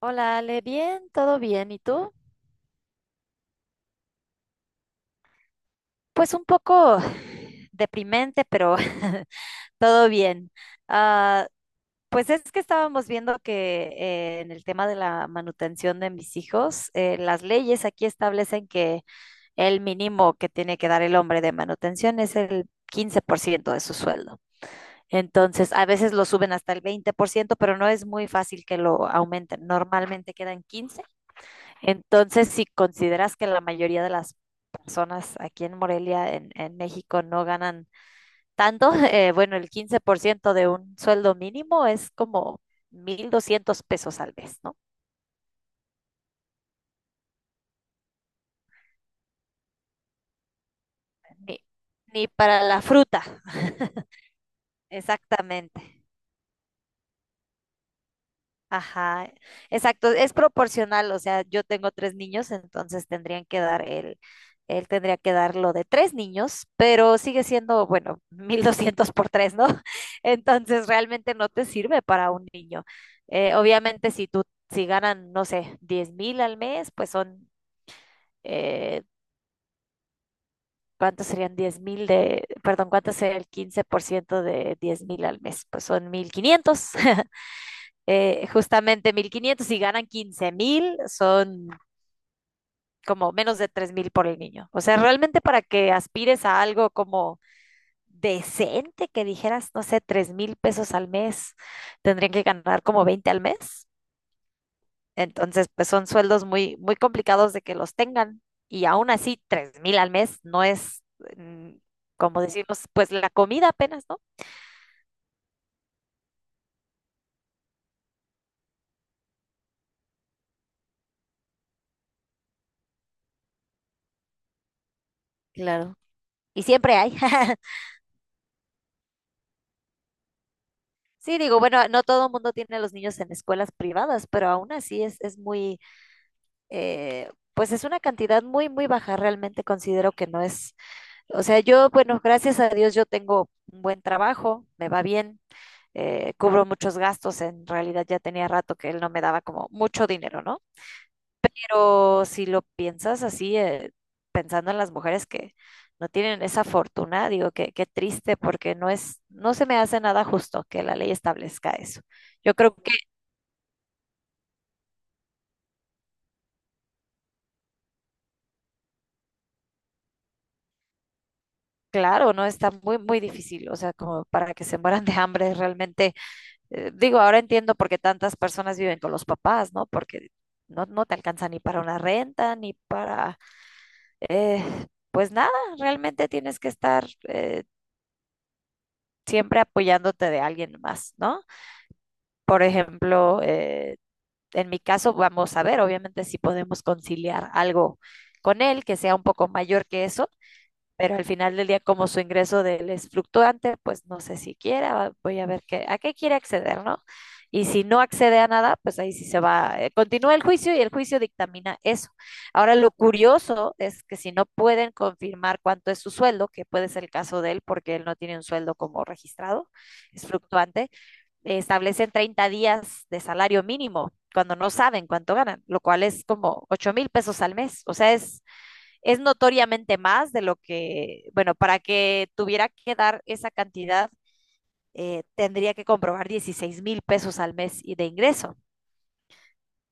Hola, Ale, bien, todo bien. ¿Y tú? Pues un poco deprimente, pero todo bien. Ah, pues es que estábamos viendo que en el tema de la manutención de mis hijos, las leyes aquí establecen que el mínimo que tiene que dar el hombre de manutención es el 15% de su sueldo. Entonces, a veces lo suben hasta el 20%, pero no es muy fácil que lo aumenten. Normalmente quedan 15. Entonces, si consideras que la mayoría de las personas aquí en Morelia, en México, no ganan tanto, bueno, el 15% de un sueldo mínimo es como 1,200 pesos al mes, ¿no? Ni, ni para la fruta, exactamente. Ajá, exacto, es proporcional, o sea, yo tengo tres niños, entonces tendrían que dar él tendría que dar lo de tres niños, pero sigue siendo, bueno, 1,200 por tres, ¿no? Entonces realmente no te sirve para un niño. Obviamente si ganan, no sé, 10,000 al mes, pues son, eh, ¿cuántos serían 10,000 de, perdón, cuánto sería el 15% de 10,000 al mes? Pues son 1,500. Justamente 1,500 y ganan 15,000 son como menos de 3,000 por el niño. O sea, realmente para que aspires a algo como decente, que dijeras, no sé, 3,000 pesos al mes, tendrían que ganar como 20 al mes. Entonces, pues son sueldos muy, muy complicados de que los tengan. Y aún así, 3,000 al mes no es, mm, como decimos, pues la comida apenas, ¿no? Claro. Y siempre hay. Sí, digo, bueno, no todo el mundo tiene a los niños en escuelas privadas, pero aún así es muy, pues es una cantidad muy, muy baja. Realmente considero que no es, o sea, yo, bueno, gracias a Dios yo tengo un buen trabajo, me va bien, cubro muchos gastos. En realidad ya tenía rato que él no me daba como mucho dinero, ¿no? Pero si lo piensas así, pensando en las mujeres que no tienen esa fortuna, digo que qué triste porque no es, no se me hace nada justo que la ley establezca eso. Yo creo. Claro, no está muy, muy difícil, o sea, como para que se mueran de hambre realmente. Digo, ahora entiendo por qué tantas personas viven con los papás, ¿no? Porque no te alcanza ni para una renta, ni para, eh, pues nada, realmente tienes que estar siempre apoyándote de alguien más, ¿no? Por ejemplo, en mi caso, vamos a ver, obviamente, si podemos conciliar algo con él que sea un poco mayor que eso. Pero al final del día, como su ingreso de él es fluctuante, pues no sé si quiera, voy a ver qué, a qué quiere acceder, ¿no? Y si no accede a nada, pues ahí sí se va, continúa el juicio y el juicio dictamina eso. Ahora, lo curioso es que si no pueden confirmar cuánto es su sueldo, que puede ser el caso de él porque él no tiene un sueldo como registrado, es fluctuante, establecen 30 días de salario mínimo cuando no saben cuánto ganan, lo cual es como 8,000 pesos al mes, o sea, es notoriamente más de lo que, bueno, para que tuviera que dar esa cantidad, tendría que comprobar 16,000 pesos al mes y de ingreso,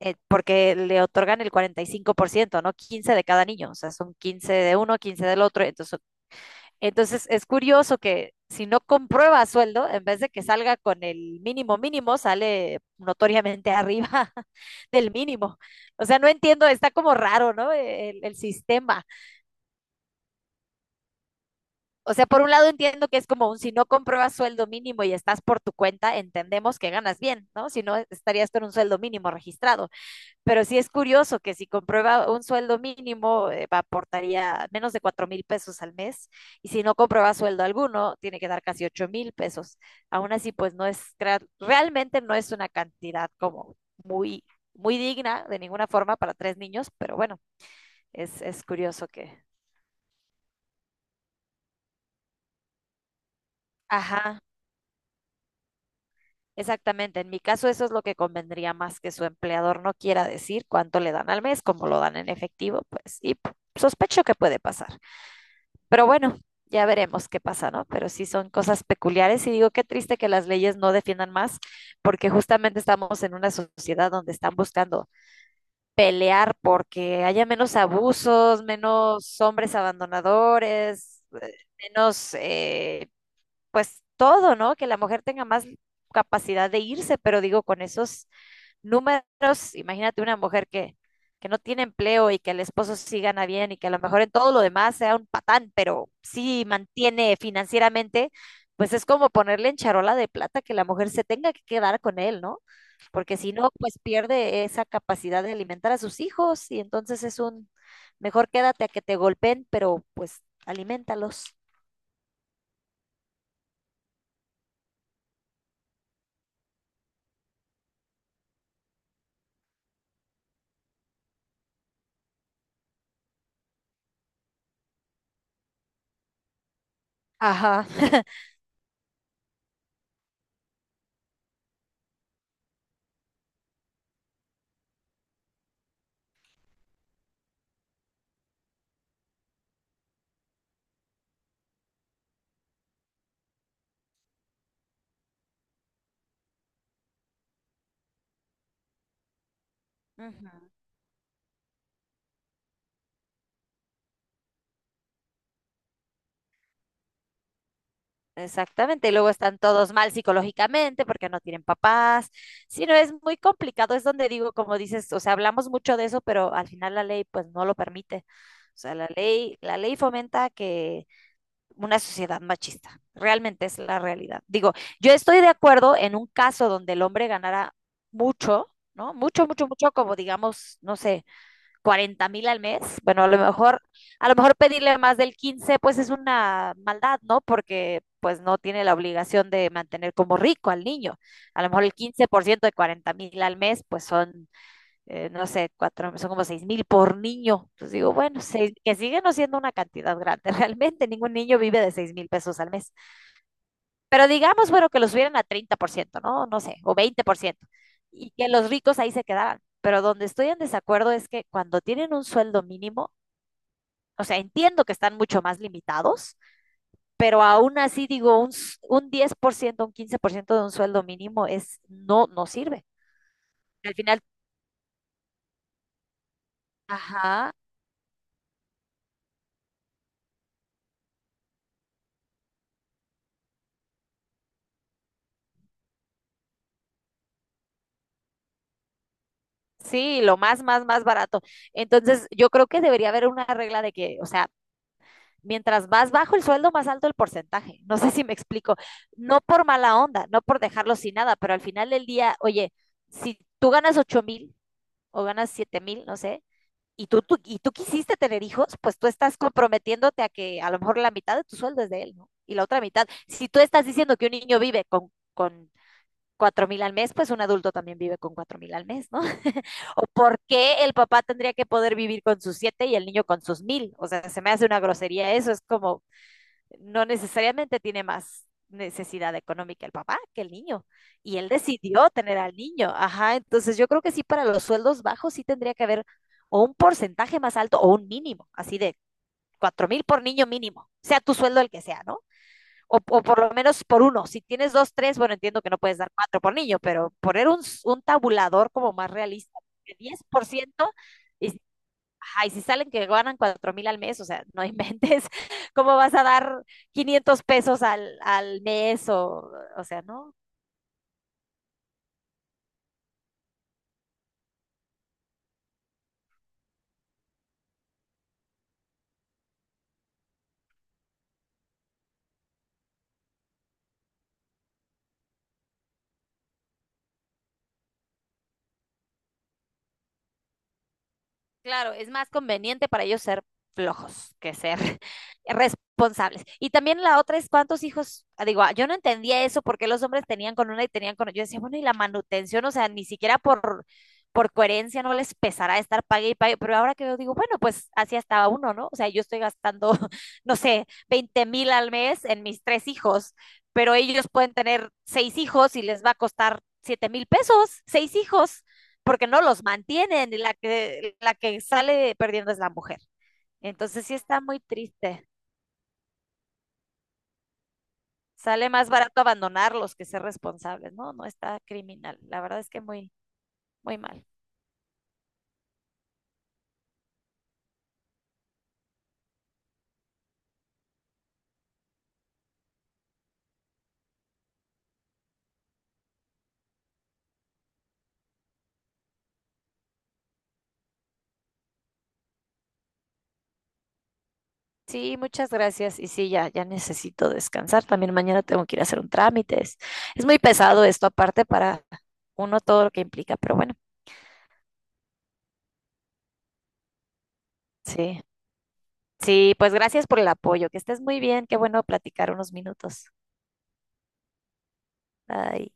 porque le otorgan el 45%, ¿no? 15 de cada niño, o sea, son 15 de uno, 15 del otro. Entonces es curioso que si no comprueba sueldo, en vez de que salga con el mínimo mínimo, sale notoriamente arriba del mínimo. O sea, no entiendo, está como raro, ¿no? El sistema. O sea, por un lado entiendo que es como un si no compruebas sueldo mínimo y estás por tu cuenta, entendemos que ganas bien, ¿no? Si no, estarías con un sueldo mínimo registrado. Pero sí es curioso que si comprueba un sueldo mínimo, aportaría menos de 4,000 pesos al mes. Y si no comprueba sueldo alguno, tiene que dar casi 8,000 pesos. Aún así, pues no es, realmente no es una cantidad como muy, muy digna de ninguna forma para tres niños, pero bueno, es curioso que. Ajá. Exactamente, en mi caso eso es lo que convendría más que su empleador no quiera decir cuánto le dan al mes, como lo dan en efectivo, pues, y sospecho que puede pasar. Pero bueno, ya veremos qué pasa, ¿no? Pero sí son cosas peculiares y digo, qué triste que las leyes no defiendan más, porque justamente estamos en una sociedad donde están buscando pelear porque haya menos abusos, menos hombres abandonadores, menos pues todo, ¿no? Que la mujer tenga más capacidad de irse, pero digo, con esos números, imagínate una mujer que no tiene empleo y que el esposo sí gana bien y que a lo mejor en todo lo demás sea un patán, pero sí mantiene financieramente, pues es como ponerle en charola de plata que la mujer se tenga que quedar con él, ¿no? Porque si no, pues pierde esa capacidad de alimentar a sus hijos y entonces es mejor quédate a que te golpeen, pero pues alimentalos. Ajá. Ujú. Exactamente, y luego están todos mal psicológicamente porque no tienen papás. Sí, no, es muy complicado, es donde digo, como dices, o sea, hablamos mucho de eso, pero al final la ley pues no lo permite. O sea, la ley fomenta que una sociedad machista, realmente es la realidad. Digo, yo estoy de acuerdo en un caso donde el hombre ganara mucho, ¿no? Mucho, mucho, mucho, como digamos, no sé, 40,000 al mes, bueno, a lo mejor pedirle más del 15 pues es una maldad, ¿no? Porque pues no tiene la obligación de mantener como rico al niño. A lo mejor el 15% de 40,000 al mes, pues son, no sé, cuatro, son como 6,000 por niño. Entonces digo, bueno, seis, que sigue no siendo una cantidad grande. Realmente ningún niño vive de 6,000 pesos al mes. Pero digamos, bueno, que los subieran a 30%, ¿no? No sé, o 20%, y que los ricos ahí se quedaran. Pero donde estoy en desacuerdo es que cuando tienen un sueldo mínimo, o sea, entiendo que están mucho más limitados, pero aún así digo, un 10%, un 15% de un sueldo mínimo es, no, no sirve. Al final, ajá, sí, lo más, más, más barato. Entonces, yo creo que debería haber una regla de que, o sea, mientras más bajo el sueldo, más alto el porcentaje. No sé si me explico. No por mala onda, no por dejarlo sin nada, pero al final del día, oye, si tú ganas 8,000 o ganas 7,000, no sé, y tú quisiste tener hijos, pues tú estás comprometiéndote a que a lo mejor la mitad de tu sueldo es de él, ¿no? Y la otra mitad. Si tú estás diciendo que un niño vive con 4,000 al mes, pues un adulto también vive con 4,000 al mes, ¿no? ¿O por qué el papá tendría que poder vivir con sus siete y el niño con sus mil? O sea, se me hace una grosería eso, es como, no necesariamente tiene más necesidad económica el papá que el niño. Y él decidió tener al niño. Ajá, entonces yo creo que sí, para los sueldos bajos sí tendría que haber o un porcentaje más alto o un mínimo, así de 4,000 por niño mínimo, sea tu sueldo el que sea, ¿no? O por lo menos por uno. Si tienes dos, tres, bueno, entiendo que no puedes dar cuatro por niño, pero poner un tabulador como más realista, de 10% y ay, si salen que ganan 4,000 al mes, o sea, no inventes cómo vas a dar 500 pesos al mes o sea, no, claro, es más conveniente para ellos ser flojos que ser responsables. Y también la otra es cuántos hijos, ah, digo, ah, yo no entendía eso porque los hombres tenían con una y tenían con otra. Yo decía, bueno, y la manutención, o sea, ni siquiera por, coherencia no les pesará estar pague y pague, pero ahora que yo digo, bueno, pues así estaba uno, ¿no? O sea, yo estoy gastando, no sé, 20,000 al mes en mis tres hijos, pero ellos pueden tener seis hijos y les va a costar 7,000 pesos, seis hijos, porque no los mantienen y la que sale perdiendo es la mujer. Entonces sí está muy triste. Sale más barato abandonarlos que ser responsables. No, no está criminal. La verdad es que muy, muy mal. Sí, muchas gracias. Y sí, ya, ya necesito descansar. También mañana tengo que ir a hacer un trámite. Es muy pesado esto, aparte para uno todo lo que implica, pero bueno, sí. Sí, pues gracias por el apoyo. Que estés muy bien. Qué bueno platicar unos minutos. Bye.